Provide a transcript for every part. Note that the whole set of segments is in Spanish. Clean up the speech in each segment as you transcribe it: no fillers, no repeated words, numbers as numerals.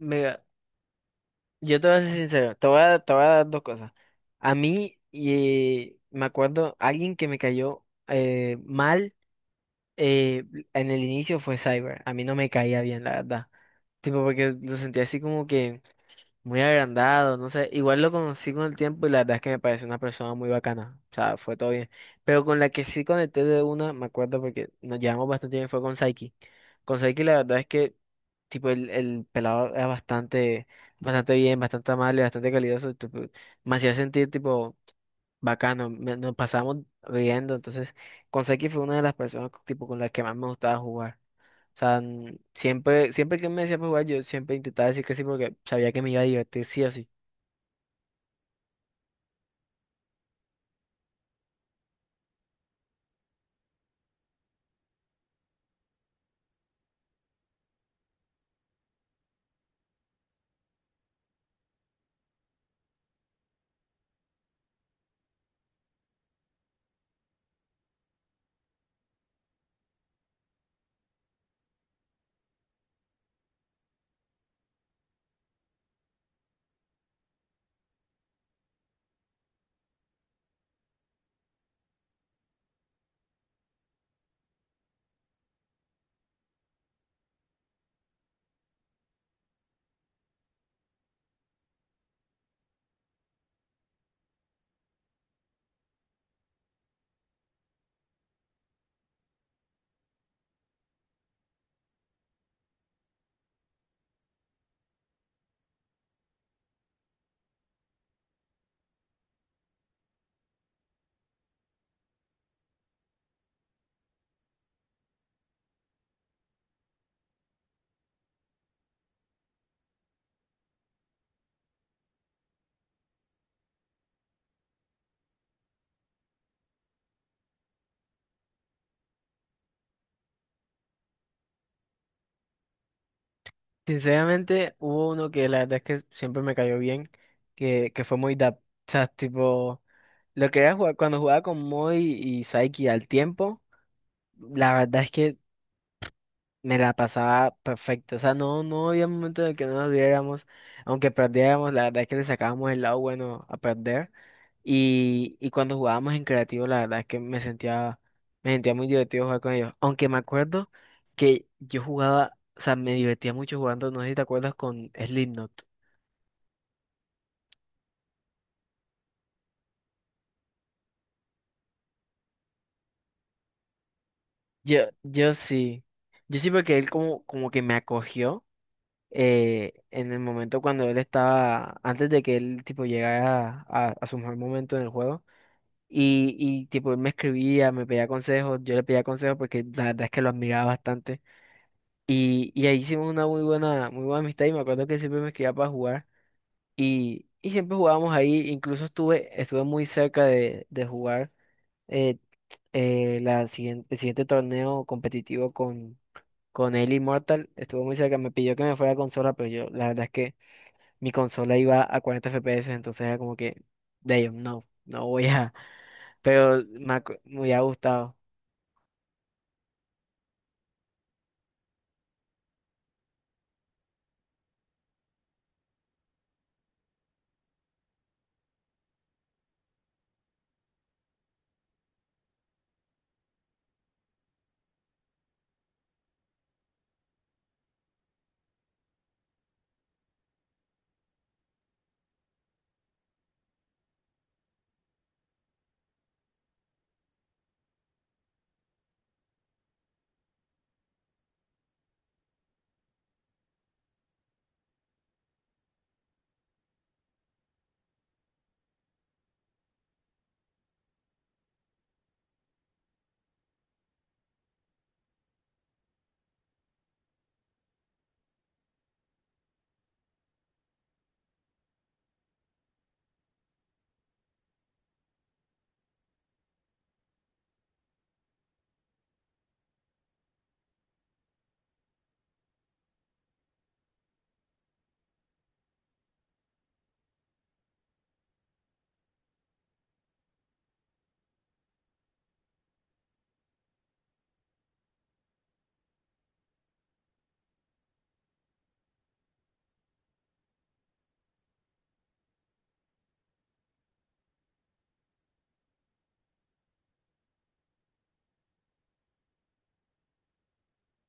Mira, yo te voy a ser sincero, te voy a dar dos cosas. A mí, y me acuerdo, alguien que me cayó mal eh, en el inicio fue Cyber. A mí no me caía bien, la verdad. Tipo, porque lo sentía así como que muy agrandado, no sé, igual lo conocí con el tiempo y la verdad es que me pareció una persona muy bacana, o sea, fue todo bien. Pero con la que sí conecté de una, me acuerdo porque nos llevamos bastante bien, fue con Saiki. Con Saiki la verdad es que, tipo, el pelado era bastante, bastante bien, bastante amable, bastante calidoso, tipo, me hacía sentir, tipo, bacano, nos pasábamos riendo, entonces, con Saiki fue una de las personas, tipo, con las que más me gustaba jugar. O sea, siempre que me decía para jugar, yo siempre intentaba decir que sí porque sabía que me iba a divertir sí o sí. Sinceramente, hubo uno que la verdad es que siempre me cayó bien, que fue muy. O sea, tipo, lo que era jugar, cuando jugaba con Moy y Saiki al tiempo, la verdad es que me la pasaba perfecto. O sea, no había momento en el que no nos viéramos aunque perdiéramos, la verdad es que le sacábamos el lado bueno a perder. Y cuando jugábamos en creativo, la verdad es que me sentía muy divertido jugar con ellos. Aunque me acuerdo que yo jugaba, o sea, me divertía mucho jugando, no sé si te acuerdas con Slipknot. Yo sí, yo sí porque él como, como que me acogió en el momento cuando él estaba, antes de que él tipo llegara a su mejor momento en el juego. Y tipo él me escribía, me pedía consejos, yo le pedía consejos porque la verdad es que lo admiraba bastante. Y ahí hicimos una muy buena amistad y me acuerdo que siempre me escribía para jugar y siempre jugábamos ahí, incluso estuve, estuve muy cerca de jugar eh, el siguiente torneo competitivo con él Immortal, estuvo muy cerca, me pidió que me fuera a consola, pero yo la verdad es que mi consola iba a 40 FPS, entonces era como que, damn, no voy a, pero me hubiera gustado.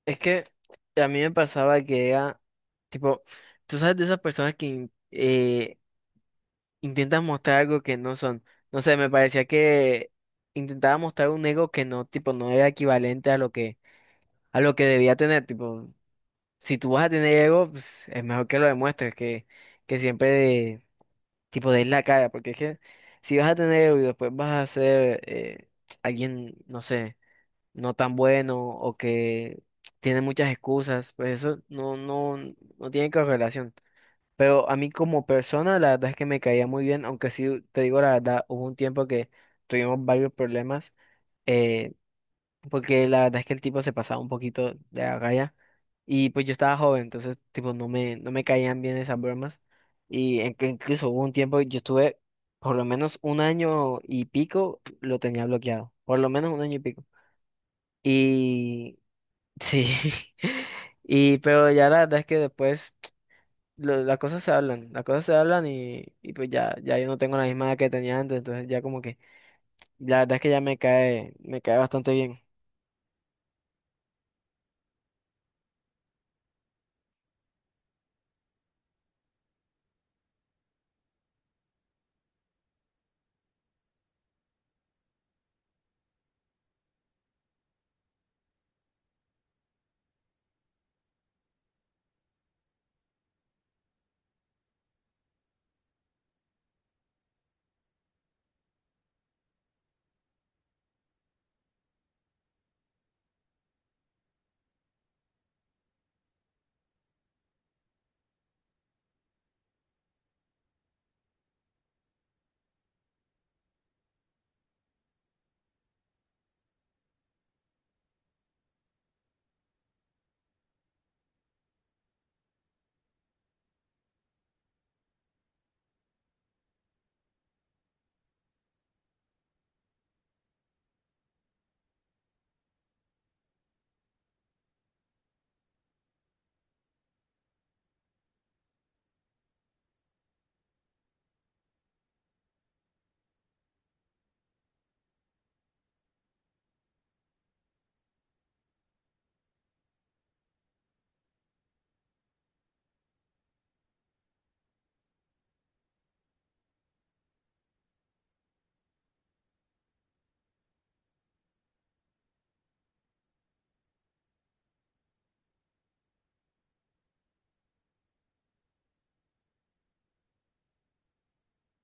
Es que a mí me pasaba que era, tipo, tú sabes de esas personas que intentan mostrar algo que no son. No sé, me parecía que intentaba mostrar un ego que no, tipo, no era equivalente a lo que debía tener. Tipo, si tú vas a tener ego, pues, es mejor que lo demuestres, que siempre, tipo, des la cara. Porque es que si vas a tener ego y después vas a ser alguien, no sé, no tan bueno o que tiene muchas excusas, pues eso no tiene correlación. Pero a mí como persona la verdad es que me caía muy bien, aunque sí te digo la verdad, hubo un tiempo que tuvimos varios problemas, eh, porque la verdad es que el tipo se pasaba un poquito de la raya y pues yo estaba joven, entonces tipo no me caían bien esas bromas y en que incluso hubo un tiempo que yo estuve por lo menos un año y pico, lo tenía bloqueado, por lo menos un año y pico. Y sí, y pero ya la verdad es que después las cosas se hablan, las cosas se hablan y pues ya yo no tengo la misma edad que tenía antes, entonces ya como que la verdad es que ya me cae bastante bien.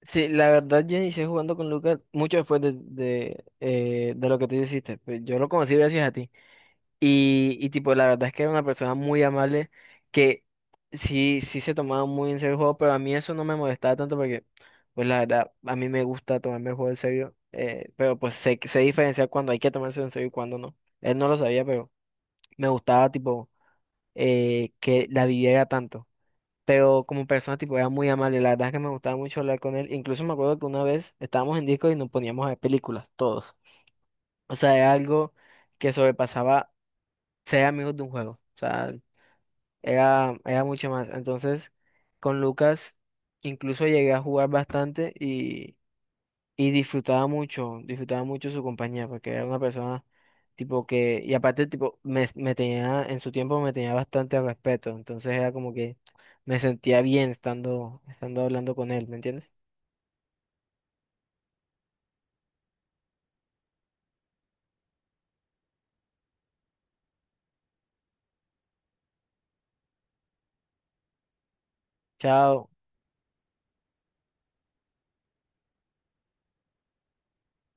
Sí, la verdad yo inicié jugando con Lucas mucho después de lo que tú hiciste, pues yo lo conocí gracias a ti. Y tipo, la verdad es que era una persona muy amable que sí, sí se tomaba muy en serio el juego, pero a mí eso no me molestaba tanto porque, pues la verdad, a mí me gusta tomarme el juego en serio, pero pues sé, sé diferenciar cuando hay que tomarse en serio y cuando no. Él no lo sabía, pero me gustaba tipo que la viviera tanto. Pero como persona, tipo, era muy amable. La verdad es que me gustaba mucho hablar con él. Incluso me acuerdo que una vez estábamos en disco y nos poníamos a ver películas, todos. O sea, era algo que sobrepasaba ser amigos de un juego. O sea, era, era mucho más. Entonces, con Lucas incluso llegué a jugar bastante y disfrutaba mucho su compañía, porque era una persona tipo que, y aparte tipo, me tenía, en su tiempo me tenía bastante respeto, entonces era como que me sentía bien estando, estando hablando con él, ¿me entiendes? Chao.